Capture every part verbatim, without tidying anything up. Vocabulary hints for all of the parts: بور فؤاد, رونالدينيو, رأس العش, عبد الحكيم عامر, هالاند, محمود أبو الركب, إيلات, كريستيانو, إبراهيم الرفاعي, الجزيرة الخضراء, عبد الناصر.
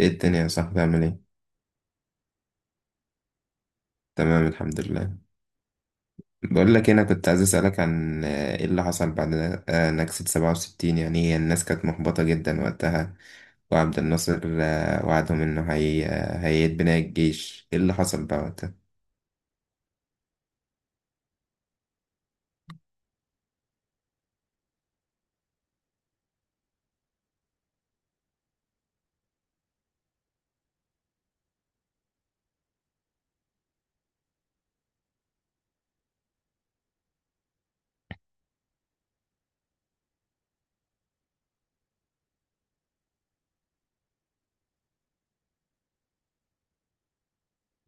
ايه الدنيا يا صاحبي عامل ايه؟ تمام، الحمد لله. بقول لك إيه، انا كنت عايز اسألك عن آه، ايه اللي حصل بعد آه، نكسة سبعة وستين. يعني هي الناس كانت محبطة جدا وقتها، وعبد الناصر آه، وعدهم انه هي آه، هيعيد بناء الجيش. ايه اللي حصل بقى وقتها؟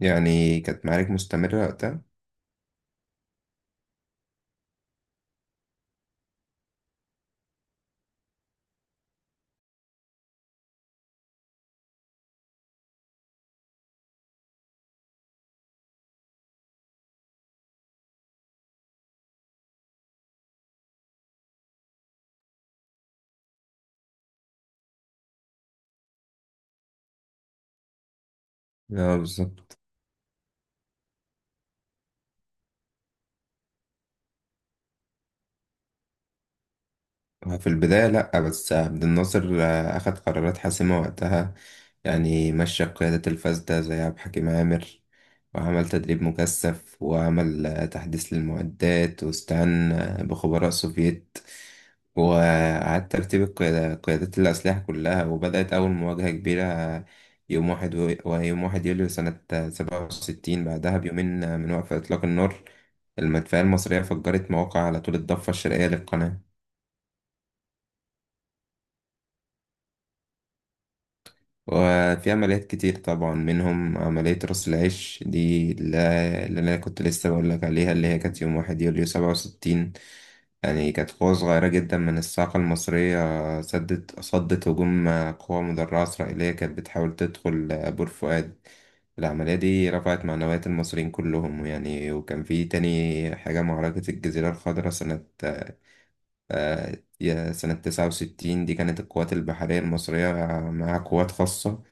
يعني كانت معارك مستمرة وقتها؟ اه، بالظبط. في البداية لأ، بس عبد الناصر آه، أخد قرارات حاسمة وقتها. يعني مشى قيادة الفاسدة زي عبد الحكيم عامر، وعمل تدريب مكثف، وعمل آه، تحديث للمعدات، واستعان آه، بخبراء سوفييت، وإعادة ترتيب القيادة- قيادات الأسلحة كلها. وبدأت أول مواجهة كبيرة، آه، يوم واحد و- ويوم واحد يوليو سنة آه، سبعة وستين. بعدها بيومين آه، من وقف إطلاق النار، المدفعية المصرية فجرت مواقع على طول الضفة الشرقية للقناة. وفي عمليات كتير طبعا منهم عملية رأس العش دي، اللي اللي أنا كنت لسه بقولك عليها، اللي هي كانت يوم واحد يوليو سبعة وستين. يعني كانت قوة صغيرة جدا من الساقة المصرية، سدت صدت هجوم قوة مدرعة إسرائيلية كانت بتحاول تدخل بور فؤاد. العملية دي رفعت معنويات المصريين كلهم يعني. وكان في تاني حاجة، معركة الجزيرة الخضراء سنة آه، يا سنة تسعة وستين. دي كانت القوات البحرية المصرية مع قوات خاصة،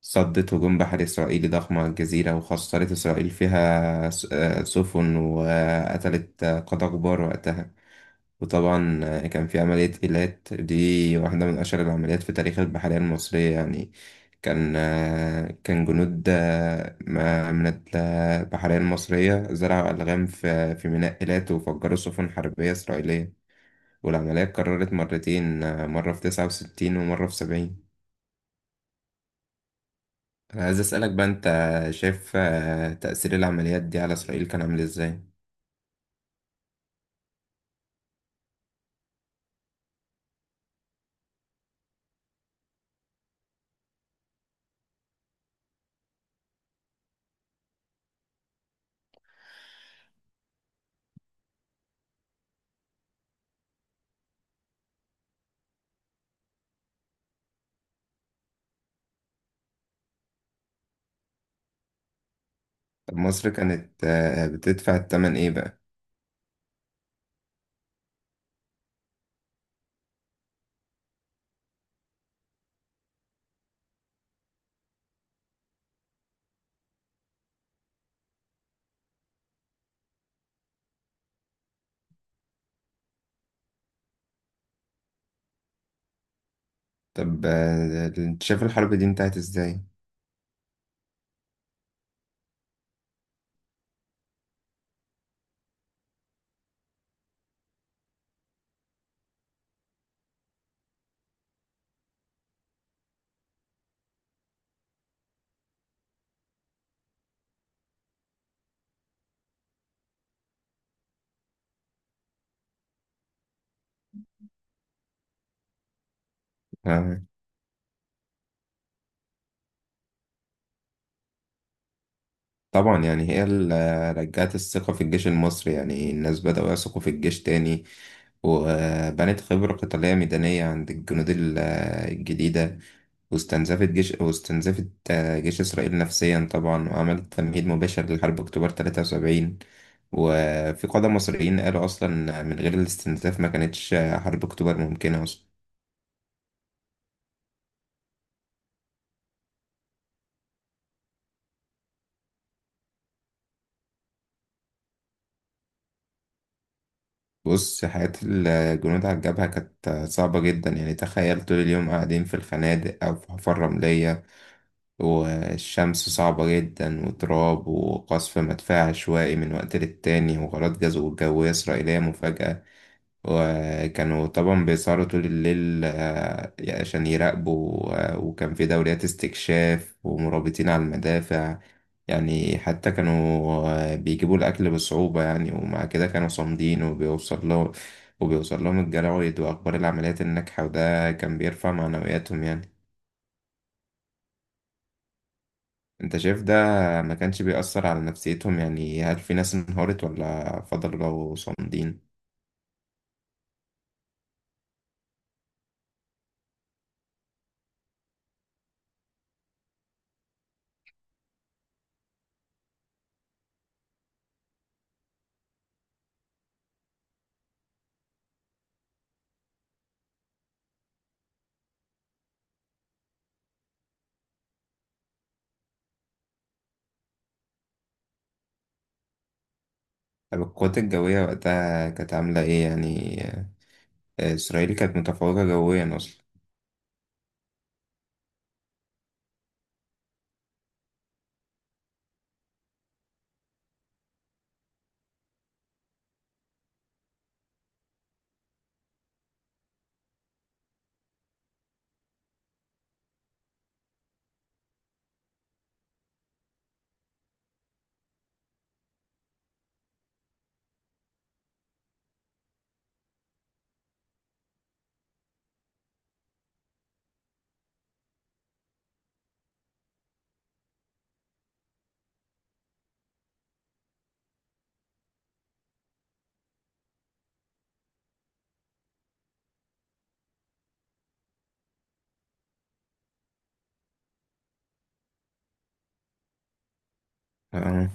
صدت هجوم بحري إسرائيلي ضخم على الجزيرة، وخسرت إسرائيل فيها س- آه، سفن، وقتلت آه، قادة كبار وقتها. وطبعا آه، كان في عملية إيلات. دي واحدة من أشهر العمليات في تاريخ البحرية المصرية يعني. كان آه، كان جنود آه، ما- من البحرية المصرية زرعوا ألغام في في ميناء إيلات وفجروا سفن حربية إسرائيلية. والعملية اتكررت مرتين، آه، مرة في تسعة وستين ومرة في سبعين. أنا عايز أسألك بقى، أنت شايف آه، تأثير العمليات دي على إسرائيل كان عامل إزاي؟ طب مصر كانت آه، بتدفع الثمن إيه بقى؟ طب آه، أنت شايف الحرب دي انتهت إزاي؟ آه، طبعا، يعني هي اللي رجعت الثقة في الجيش المصري. يعني الناس بدأوا يثقوا في الجيش تاني، وبنت خبرة قتالية ميدانية عند الجنود ال- آه، الجديدة، واستنزفت جيش واستنزفت آه، جيش إسرائيل نفسيا طبعا، وعملت تمهيد مباشر لحرب أكتوبر تلاتة وسبعين. وفي قادة مصريين قالوا أصلا من غير الاستنزاف ما كانتش آه، حرب أكتوبر ممكنة أصلا. بص، حياة الجنود على الجبهة كانت آه، صعبة جدا. يعني تخيل طول اليوم قاعدين في الخنادق أو في حفر رملية، والشمس صعبة جدا، وتراب، وقصف مدفع عشوائي من وقت للتاني، وغارات جزو جوية إسرائيلية مفاجئة. وكانوا طبعا بيسهروا طول الليل آه، عشان يراقبوا، آه، وكان في دوريات استكشاف ومرابطين على المدافع. يعني حتى كانوا آه، بيجيبوا الأكل بصعوبة يعني. ومع كده كانوا صامدين، وبيوصل لهم وبيوصل لهم الجرايد وأخبار العمليات الناجحة، وده كان بيرفع معنوياتهم يعني. انت شايف ده ما كانش بيأثر على نفسيتهم؟ يعني هل في ناس انهارت ولا فضلوا صامدين؟ طب القوات الجوية وقتها كانت عاملة ايه يعني؟ إسرائيل كانت متفوقة جويا أصلا. آه،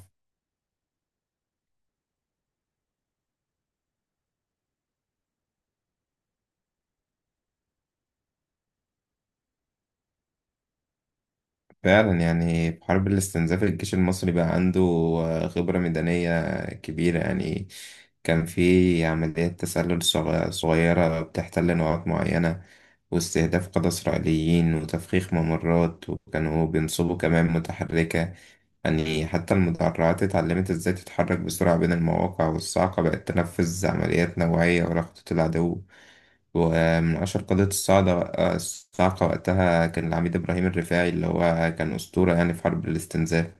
فعلا، يعني في حرب الاستنزاف الجيش المصري بقى عنده آه، خبرة ميدانية كبيرة يعني. كان في عمليات تسلل صغ- صغيرة بتحتل نقاط معينة، واستهداف قادة إسرائيليين، وتفخيخ ممرات، وكانوا بينصبوا كمان متحركة. يعني حتى المدرعات اتعلمت ازاي تتحرك بسرعة بين المواقع، والصاعقة بقت تنفذ عمليات نوعية ورا خطوط العدو. ومن أشهر قضية الصعدة الصعقة، وقتها كان العميد إبراهيم الرفاعي، اللي هو كان أسطورة يعني في حرب الاستنزاف.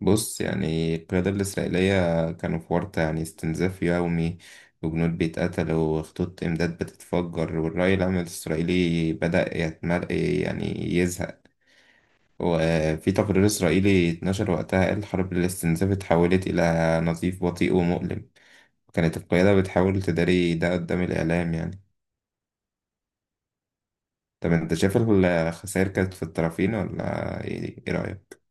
بص، يعني القيادة الإسرائيلية كانوا في ورطة، يعني استنزاف يومي، وجنود بيتقتلوا، وخطوط إمداد بتتفجر، والرأي العام الإسرائيلي بدأ يتمل يعني يزهق. وفي تقرير إسرائيلي اتنشر وقتها قال: حرب الاستنزاف اتحولت إلى نزيف بطيء ومؤلم. وكانت القيادة بتحاول تداري ده قدام الإعلام يعني. طب انت شايف الخسائر كانت في الطرفين ولا ايه إيه رأيك؟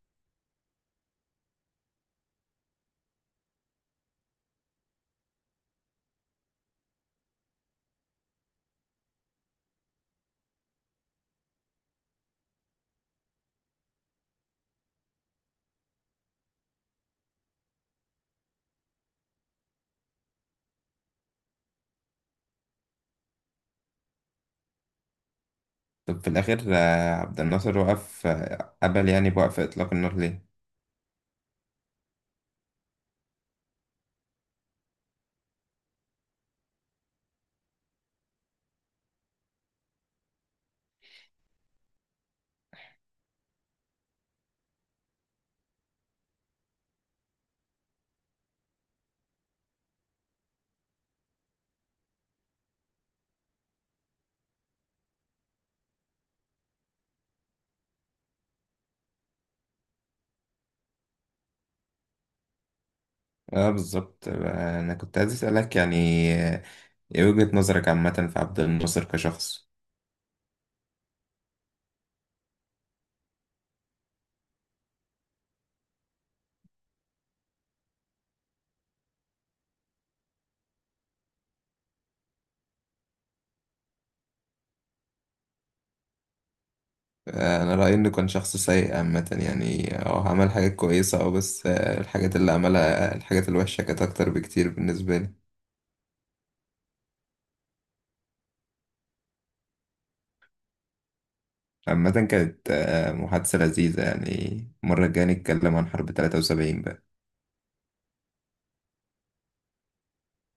طب في الآخر آه، عبد الناصر وقف آه، قبل، يعني، بوقف إطلاق النار، ليه؟ اه، بالظبط. آه، أنا كنت عايز أسألك، يعني آه، ايه وجهة نظرك عامة في عبد الناصر كشخص؟ آه، أنا رأيي إنه كان شخص سيء عامة. يعني اه عمل حاجات كويسة، اه بس آه، الحاجات اللي عملها، آه، الحاجات الوحشة كانت أكتر بكتير بالنسبة لي. عامة كانت آه، محادثة لذيذة يعني. المرة الجاية نتكلم عن حرب تلاتة وسبعين بقى.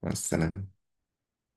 مع السلامة.